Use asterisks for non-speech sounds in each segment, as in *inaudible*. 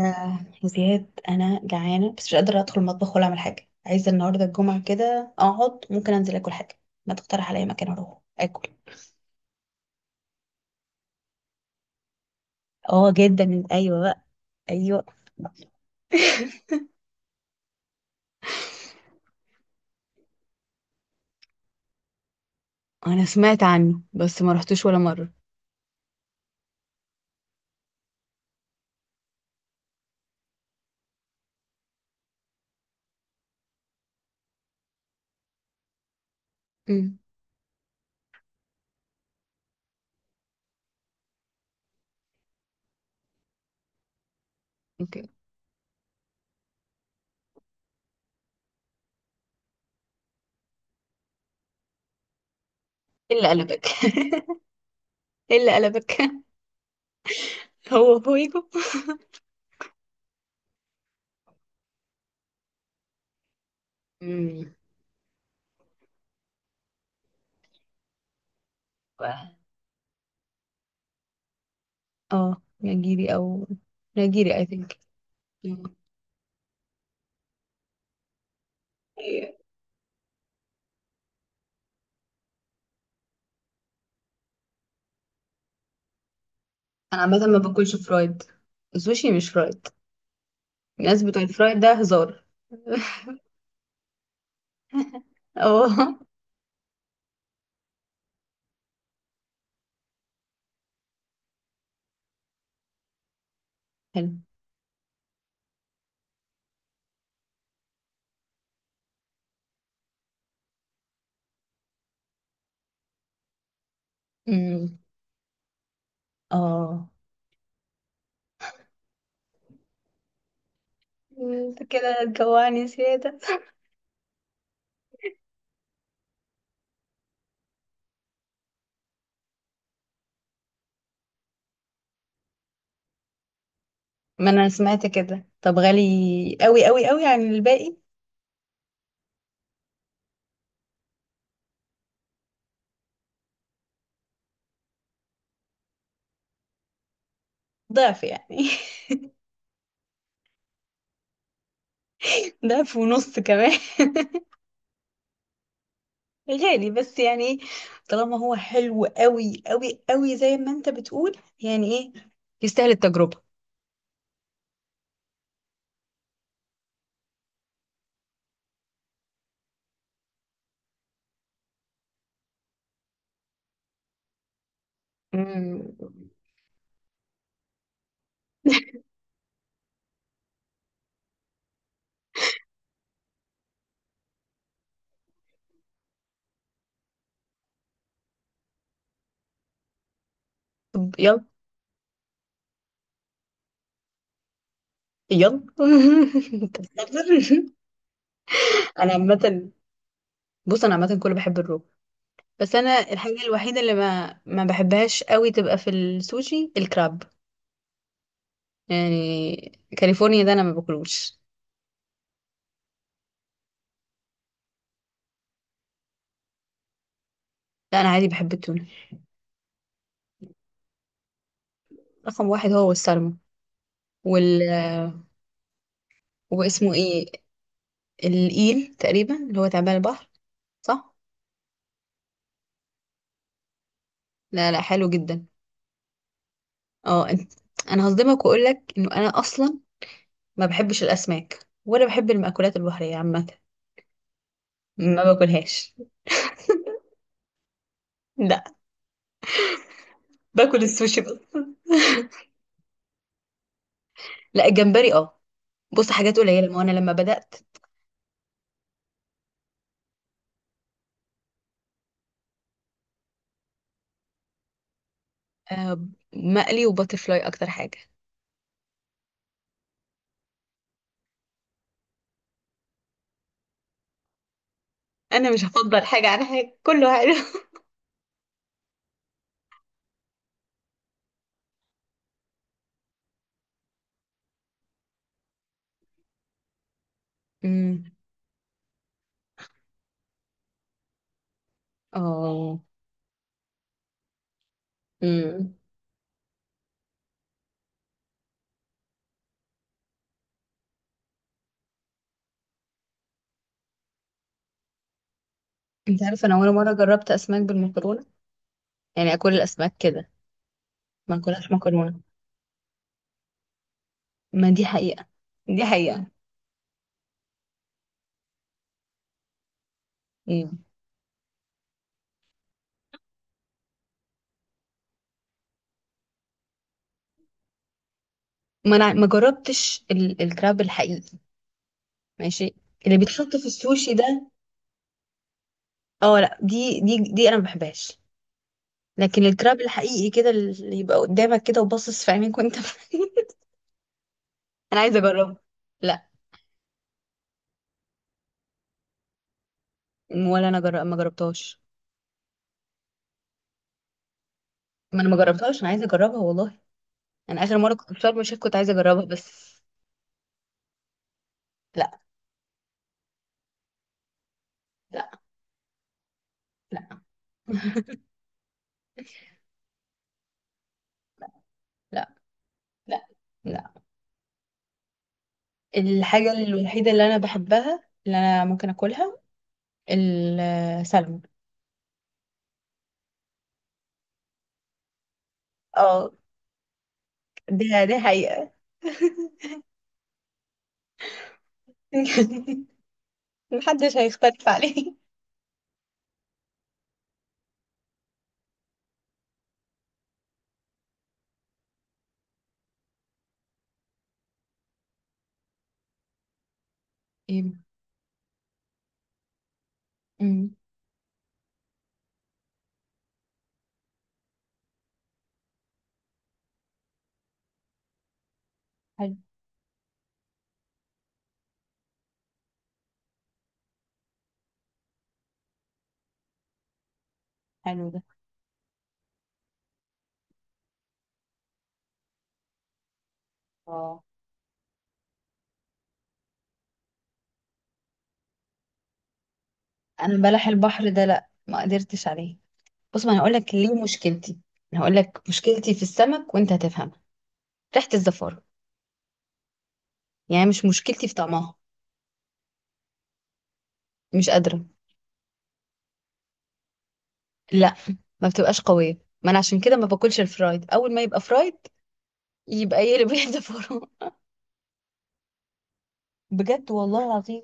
يا زياد، انا جعانه بس مش قادره ادخل المطبخ ولا اعمل حاجه. عايزه النهارده الجمعه كده اقعد، ممكن انزل اكل حاجه. ما تقترح عليا مكان اروح اكل؟ اه جدا، ايوه بقى. ايوه. *laughs* انا سمعت عنه بس ما رحتوش ولا مره. امم. اوكي. ايه اللي قلبك؟ *laughs* ايه اللي قلبك؟ *laughs* هو هويجو؟ امم. اه، نيجيري او نيجيري اي ثينك. أمم. انا عامه ما باكلش فرايد، السوشي مش فرايد، الناس بتوع الفرايد ده هزار. اه. حلو. أمم. اه، انت كده هتجوعني زيادة. ما انا سمعت كده، طب غالي قوي قوي قوي عن الباقي؟ ضعف يعني. *laughs* ضعف ونص كمان. *laughs* غالي بس يعني ايه، طالما هو حلو قوي قوي قوي زي ما انت بتقول، يعني ايه، يستاهل التجربة. أمم. طب يلا. يلا. *laughs* انت بتهزر؟ انا عامة، بص انا عامة كله بحب الرو، بس انا الحاجه الوحيده اللي ما بحبهاش قوي تبقى في السوشي الكراب، يعني. كاليفورنيا ده انا ما باكلوش. لا انا عادي بحب التونه. رقم واحد هو السلمون وال واسمه ايه؟ الإيل تقريبا، اللي هو تعبان البحر، صح؟ لا لا، حلو جدا. اه انت، انا هصدمك واقول لك انه انا اصلا ما بحبش الاسماك ولا بحب المأكولات البحريه عامه، ما باكلهاش. لا، باكل السوشي بس. لا، الجمبري اه. بص، حاجات قليله، ما هو انا لما بدأت. آه، مقلي وباترفلاي اكتر حاجه. انا مش هفضل حاجه عن حاجه، كله حلو. امم. اه. امم. انت عارفه انا اول مره جربت اسماك بالمكرونه؟ يعني اكل الاسماك كده، ما اكلهاش مكرونه. ما دي حقيقه، دي حقيقه. امم. ما انا ما جربتش الكراب الحقيقي. ماشي، اللي بيتحط في السوشي ده؟ اه لا، دي انا ما بحبهاش. لكن الكراب الحقيقي كده، اللي يبقى قدامك كده وباصص في عينيك، وانت *laughs* انا عايزه اجربه. لا. ما جربتهاش. ما انا ما جربتهاش، انا عايزه اجربها والله. انا اخر مره كنت في شرم الشيخ كنت عايزه اجربها بس. لا لا لا. *laughs* لا لا لا. الحاجه الوحيده اللي انا بحبها، اللي انا ممكن اكلها، السلمون. اه، ده ده حقيقه. *laughs* محدش هيختلف عليه. ايه. امم. حلو. حلو ده. اه. انا بلح البحر ده لا، ما قدرتش عليه. بص، ما انا هقول لك ليه مشكلتي. انا هقول لك مشكلتي في السمك وانت هتفهم. ريحه الزفاره، يعني مش مشكلتي في طعمها. مش قادرة. لا، ما بتبقاش قوية. ما انا عشان كده ما باكلش الفرايد، اول ما يبقى فرايد يبقى يقلب واحدة فورمة. *laughs* بجد والله العظيم.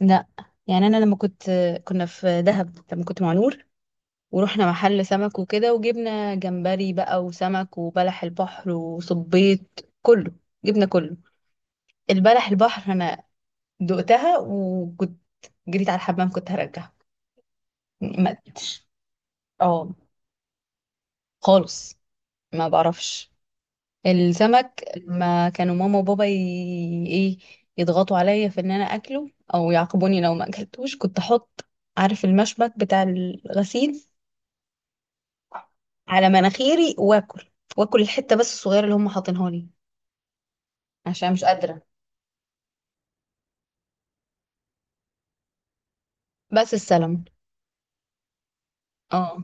لا. يعني انا لما كنت، كنا في دهب لما كنت مع نور ورحنا محل سمك وكده، وجبنا جمبري بقى وسمك وبلح البحر وصبيط، كله، جبنا كله. البلح البحر انا دقتها وكنت جريت على الحمام، كنت هرجعها، ما قدرتش. اه، خالص. ما بعرفش. السمك لما كانوا ماما وبابا ايه، يضغطوا عليا في ان انا اكله او يعاقبوني لو ما اكلتوش، كنت احط، عارف المشبك بتاع الغسيل؟ على مناخيري واكل، واكل الحته بس الصغيره اللي هم حاطينها لي، عشان مش قادره. بس السلمون. اه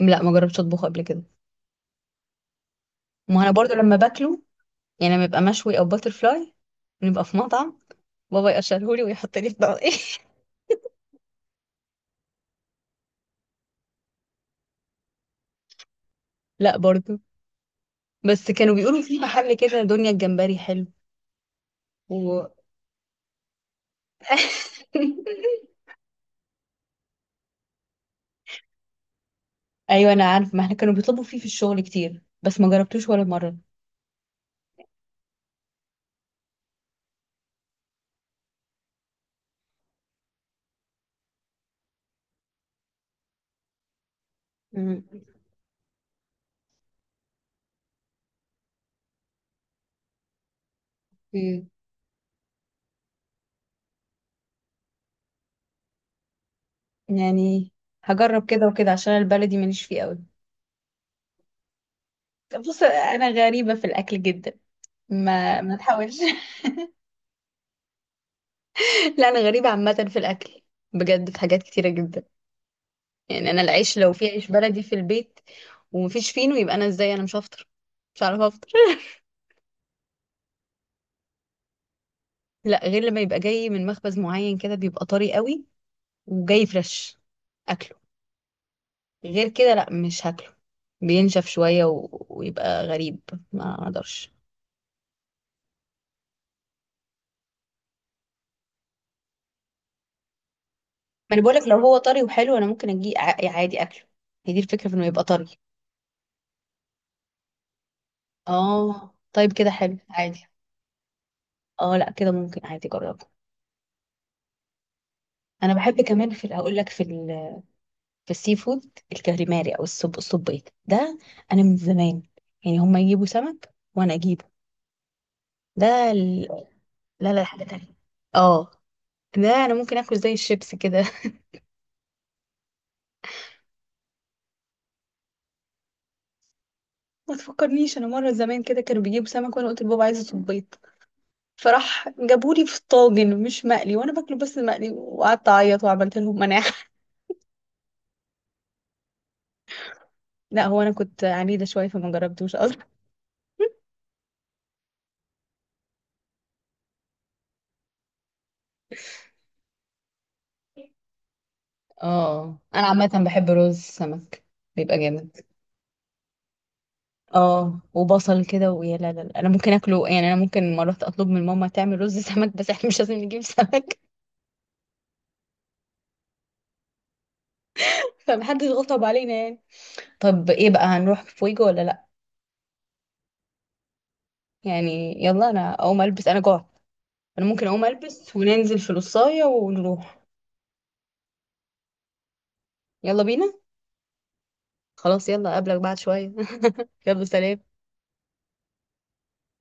لا، ما جربتش اطبخه قبل كده. ما انا برضو لما باكله يعني، لما يبقى مشوي او باتر فلاي، نبقى في مطعم، بابا يقشرهولي ويحط لي في بقى. *laughs* لا برضو. بس كانوا بيقولوا في محل كده، دنيا الجمبري، حلو. و... *laughs* ايوه انا عارفه، ما احنا كانوا بيطلبوا فيه في الشغل كتير بس ما جربتوش ولا مره. مم. مم. يعني هجرب كده وكده، عشان البلدي ماليش فيه قوي. بص، انا غريبه في الاكل جدا، ما تحاولش. *laughs* لا انا غريبه عامه في الاكل، بجد في حاجات كتيره جدا. يعني انا العيش لو في عيش بلدي في البيت ومفيش فينو، يبقى انا ازاي، انا مش هفطر، مش عارفه افطر. *laughs* لا، غير لما يبقى جاي من مخبز معين كده بيبقى طري قوي وجاي فريش، اكله. غير كده لا، مش هاكله، بينشف شوية ويبقى غريب، ما اقدرش. ما انا بقولك لو هو طري وحلو انا ممكن اجي عادي اكله. هي دي الفكرة، في انه يبقى طري. اه طيب كده حلو، عادي. اه لا كده ممكن، عادي، جربه. انا بحب كمان، في هقول لك، في السي فود، الكاليماري او الصبيط ده، انا من زمان، يعني هما يجيبوا سمك وانا اجيبه ده ال... لا لا، حاجة تانية. اه، ده انا ممكن اكل زي الشيبس كده. *laughs* ما تفكرنيش، انا مره زمان كده كانوا بيجيبوا سمك وانا قلت لبابا عايزه صبيط، فراح جابولي في طاجن مش مقلي، وانا باكله بس مقلي، وقعدت اعيط وعملت لهم مناعه. *laughs* لا هو انا كنت عنيده شويه فما جربتوش اصلا. اه انا عامه بحب رز السمك، بيبقى جامد. اه وبصل كده ويا لا لا لا. انا ممكن اكله يعني، انا ممكن مرات اطلب من ماما تعمل رز سمك بس احنا مش لازم نجيب سمك. *laughs* فمحدش غصب علينا يعني. طب ايه بقى، هنروح فويجو ولا لا؟ يعني يلا، انا اقوم البس، انا جوعت. انا ممكن اقوم البس وننزل في القصاية ونروح. يلا بينا. خلاص يلا، اقابلك بعد شوية. *laughs* يلا سلام.